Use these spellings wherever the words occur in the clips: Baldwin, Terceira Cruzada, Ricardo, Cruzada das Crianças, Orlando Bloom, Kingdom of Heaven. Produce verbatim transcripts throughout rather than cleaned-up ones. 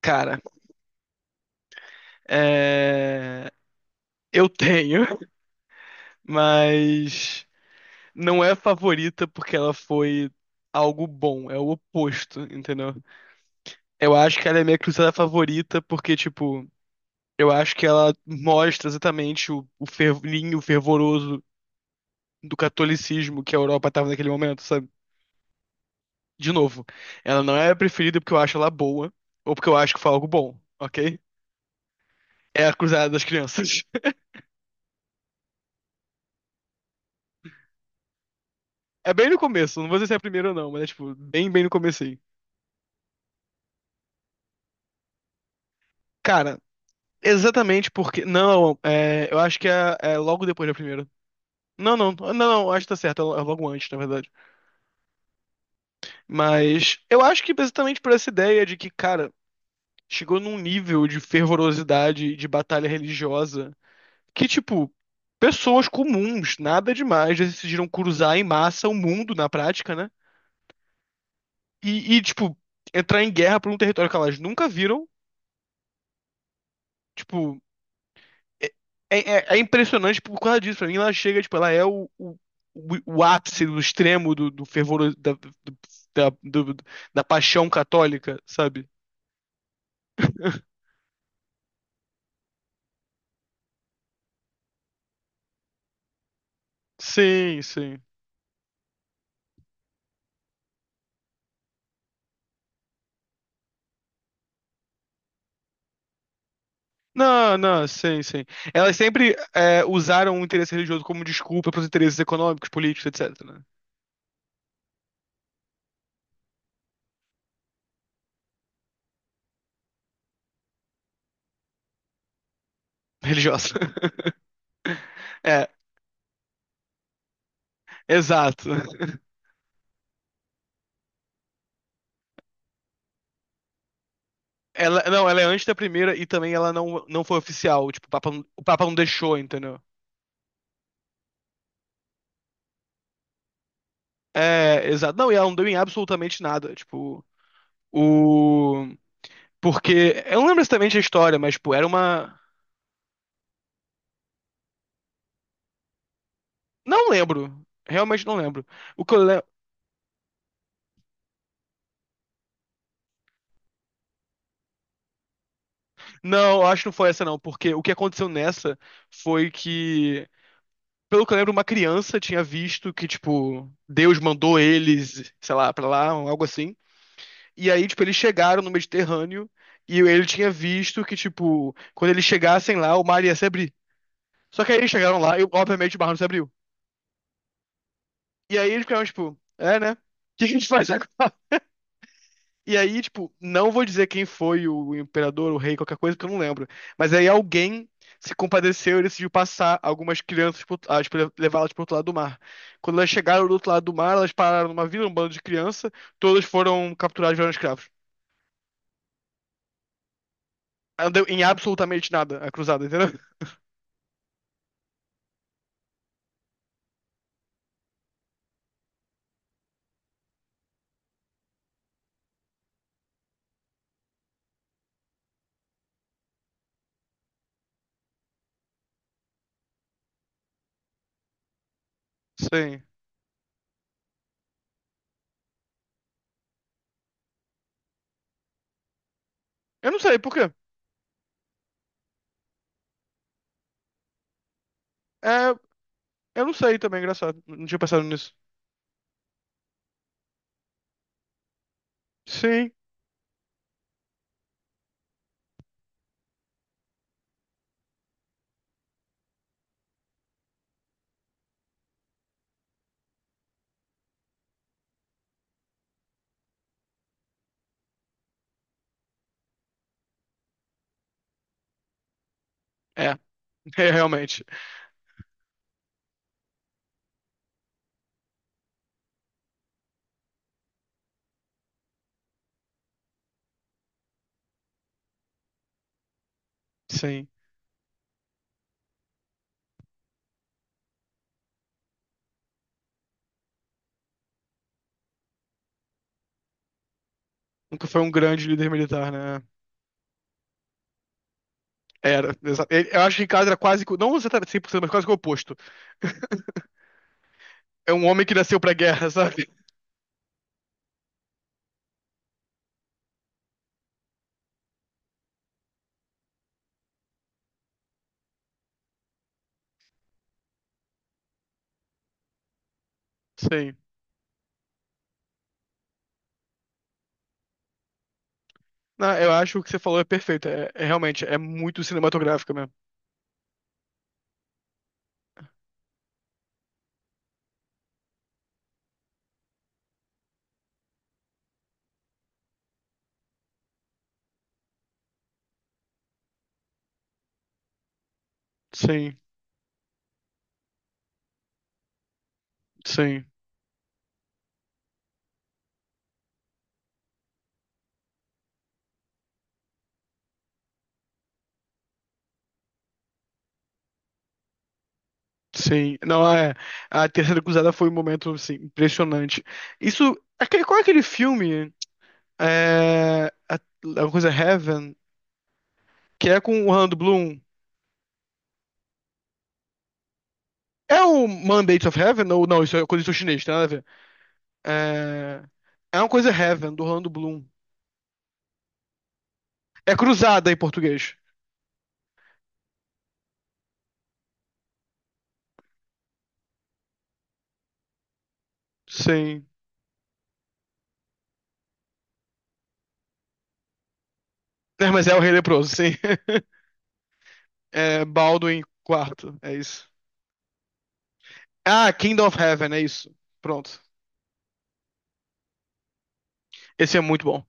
Cara, é, eu tenho, mas não é favorita porque ela foi algo bom, é o oposto, entendeu? Eu acho que ela é minha cruzada favorita porque, tipo, eu acho que ela mostra exatamente o, o fervinho fervoroso do catolicismo que a Europa estava naquele momento, sabe? De novo, ela não é a preferida porque eu acho ela boa ou porque eu acho que foi algo bom, ok? É a Cruzada das Crianças. É bem no começo, não vou dizer se é a primeira ou não, mas é tipo, bem, bem no começo. Cara, exatamente porque. Não, é, eu acho que é, é logo depois da primeira. Não, não, não, não, acho que tá certo, é lo- é logo antes, na verdade. Mas eu acho que exatamente por essa ideia de que, cara, chegou num nível de fervorosidade, de batalha religiosa que, tipo, pessoas comuns, nada demais, decidiram cruzar em massa o mundo na prática, né? E, e, tipo, entrar em guerra por um território que elas nunca viram. Tipo, é, é- é é impressionante por causa disso. Pra mim, ela chega, tipo, ela é o, o, o- o ápice do extremo do, do fervor da, do- da, do- da paixão católica, sabe? Sim, sim. Não, não, sim, sim. Elas sempre é, usaram o interesse religioso como desculpa para os interesses econômicos, políticos, etc, né? Religiosa. É, exato. Ela, não, ela é antes da primeira e também ela não, não foi oficial. Tipo, o Papa, não- o Papa não deixou, entendeu? É, exato. Não, e ela não deu em absolutamente nada. Tipo, o. Porque. Eu não lembro exatamente a história, mas, tipo, era uma. Não lembro. Realmente não lembro. O que eu lembro. Não, eu acho que não foi essa, não. Porque o que aconteceu nessa foi que. Pelo que eu lembro, uma criança tinha visto que, tipo, Deus mandou eles, sei lá, pra lá, um algo assim. E aí, tipo, eles chegaram no Mediterrâneo e ele tinha visto que, tipo, quando eles chegassem lá, o mar ia se abrir. Só que aí eles chegaram lá e, obviamente, o mar não se abriu. E aí eles ficaram, tipo, é, né? O que a gente faz agora? E aí, tipo, não vou dizer quem foi o imperador, o rei, qualquer coisa, porque eu não lembro. Mas aí alguém se compadeceu e decidiu passar algumas crianças, pro- ah, tipo, levá-las pro outro lado do mar. Quando elas chegaram do outro lado do mar, elas pararam numa vila, um bando de criança, todas foram capturadas e viraram escravos. Não deu em absolutamente nada a cruzada, entendeu? Sim. Eu não sei por quê. É, eu não sei também, engraçado. Não tinha pensado nisso. Sim. É, é realmente. Sim. Nunca foi um grande líder militar, né? Era. exa- ele- Eu acho que Ricardo era quase, que o- não exatamente cem por cento, mas quase que o oposto. É um homem que nasceu pra guerra, sabe? Sim. Não, eu acho que o que você falou é perfeito. É, é realmente, é muito cinematográfico mesmo. Sim, sim, sim. Não, é. A Terceira Cruzada foi um momento, assim, impressionante. Isso. aquele- Qual é aquele filme? É, a- Alguma coisa Heaven, que é com o Orlando Bloom. É o Mandates of Heaven? Ou não, isso é coisa de chinês, tem nada a ver. É, é uma coisa Heaven, do Orlando Bloom. É Cruzada em português. Sim. É, mas é o Rei Leproso, sim. É Baldwin Quarto, é isso. Ah, Kingdom of Heaven, é isso. Pronto. Esse é muito bom.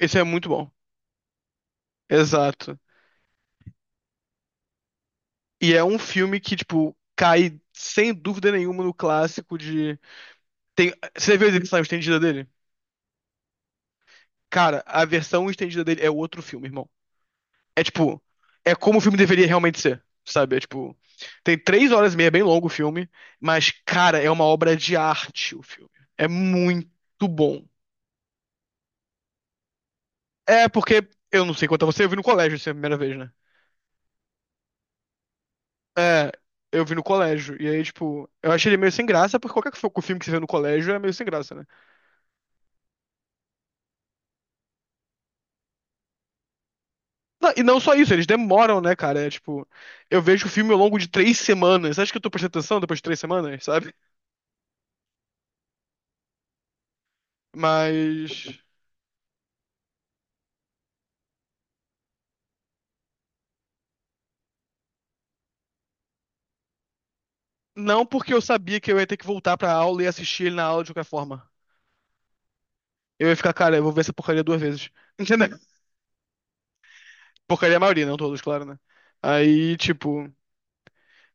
Esse é muito bom. Exato. E é um filme que, tipo, cai sem dúvida nenhuma no clássico de. Tem. Você viu a edição estendida dele? Cara, a versão estendida dele é outro filme, irmão. É tipo, é como o filme deveria realmente ser, sabe? É tipo, tem três horas e meia, é bem longo o filme, mas, cara, é uma obra de arte o filme. É muito bom. É porque, eu não sei quanto a você, eu vi no colégio, isso é a primeira vez, né? É, eu vi no colégio. E aí, tipo, eu achei ele meio sem graça, porque qualquer fo- filme que você vê no colégio é meio sem graça, né? Não, e não só isso, eles demoram, né, cara? É tipo, eu vejo o filme ao longo de três semanas. Acho que eu tô prestando atenção depois de três semanas, sabe? Mas. Não porque eu sabia que eu ia ter que voltar pra aula e assistir ele na aula de qualquer forma. Eu ia ficar, cara, eu vou ver essa porcaria duas vezes. Entendeu? Porcaria é a maioria, né? Não todos, claro, né? Aí, tipo.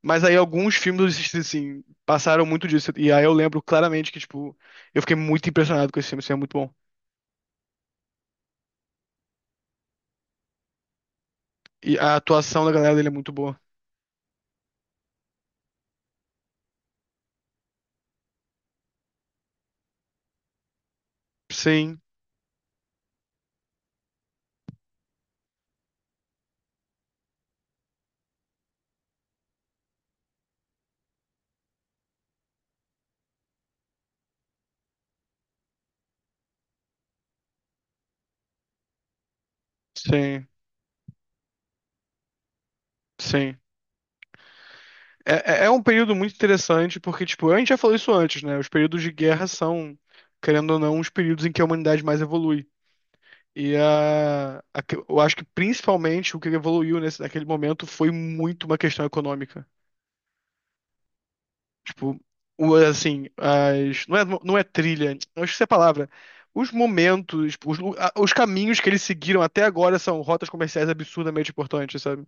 Mas aí alguns filmes, assim, passaram muito disso. E aí eu lembro claramente que, tipo, eu fiquei muito impressionado com esse filme, assim, é muito bom. E a atuação da galera dele é muito boa. Sim, sim, sim. É, é é um período muito interessante, porque, tipo, a gente já falou isso antes, né? Os períodos de guerra são, querendo ou não, os períodos em que a humanidade mais evolui. E a, a que- eu acho que principalmente o que evoluiu nesse, naquele momento foi muito uma questão econômica. Tipo, o- assim, as, não é, não é trilha, eu acho que essa é a palavra. Os momentos, tipo, os, lu- a- os caminhos que eles seguiram até agora são rotas comerciais absurdamente importantes, sabe?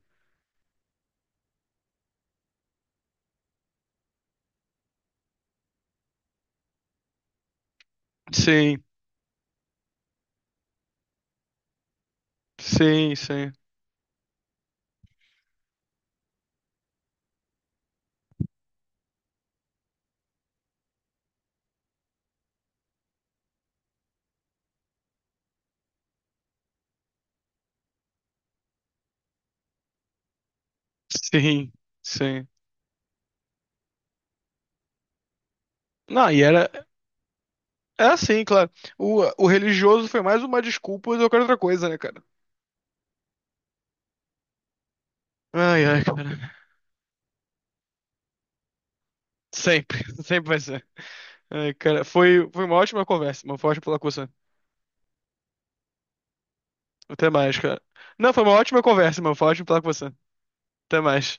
Sim, sim, sim, sim, sim. Não, e era, é assim, claro. O, o religioso foi mais uma desculpa do que outra coisa, né, cara? Ai, ai, cara. Sempre, sempre vai ser. Ai, cara, foi, foi uma ótima conversa, mano. Foi ótimo falar com você. Até mais, cara. Não, foi uma ótima conversa, mano. Foi ótimo falar com você. Até mais.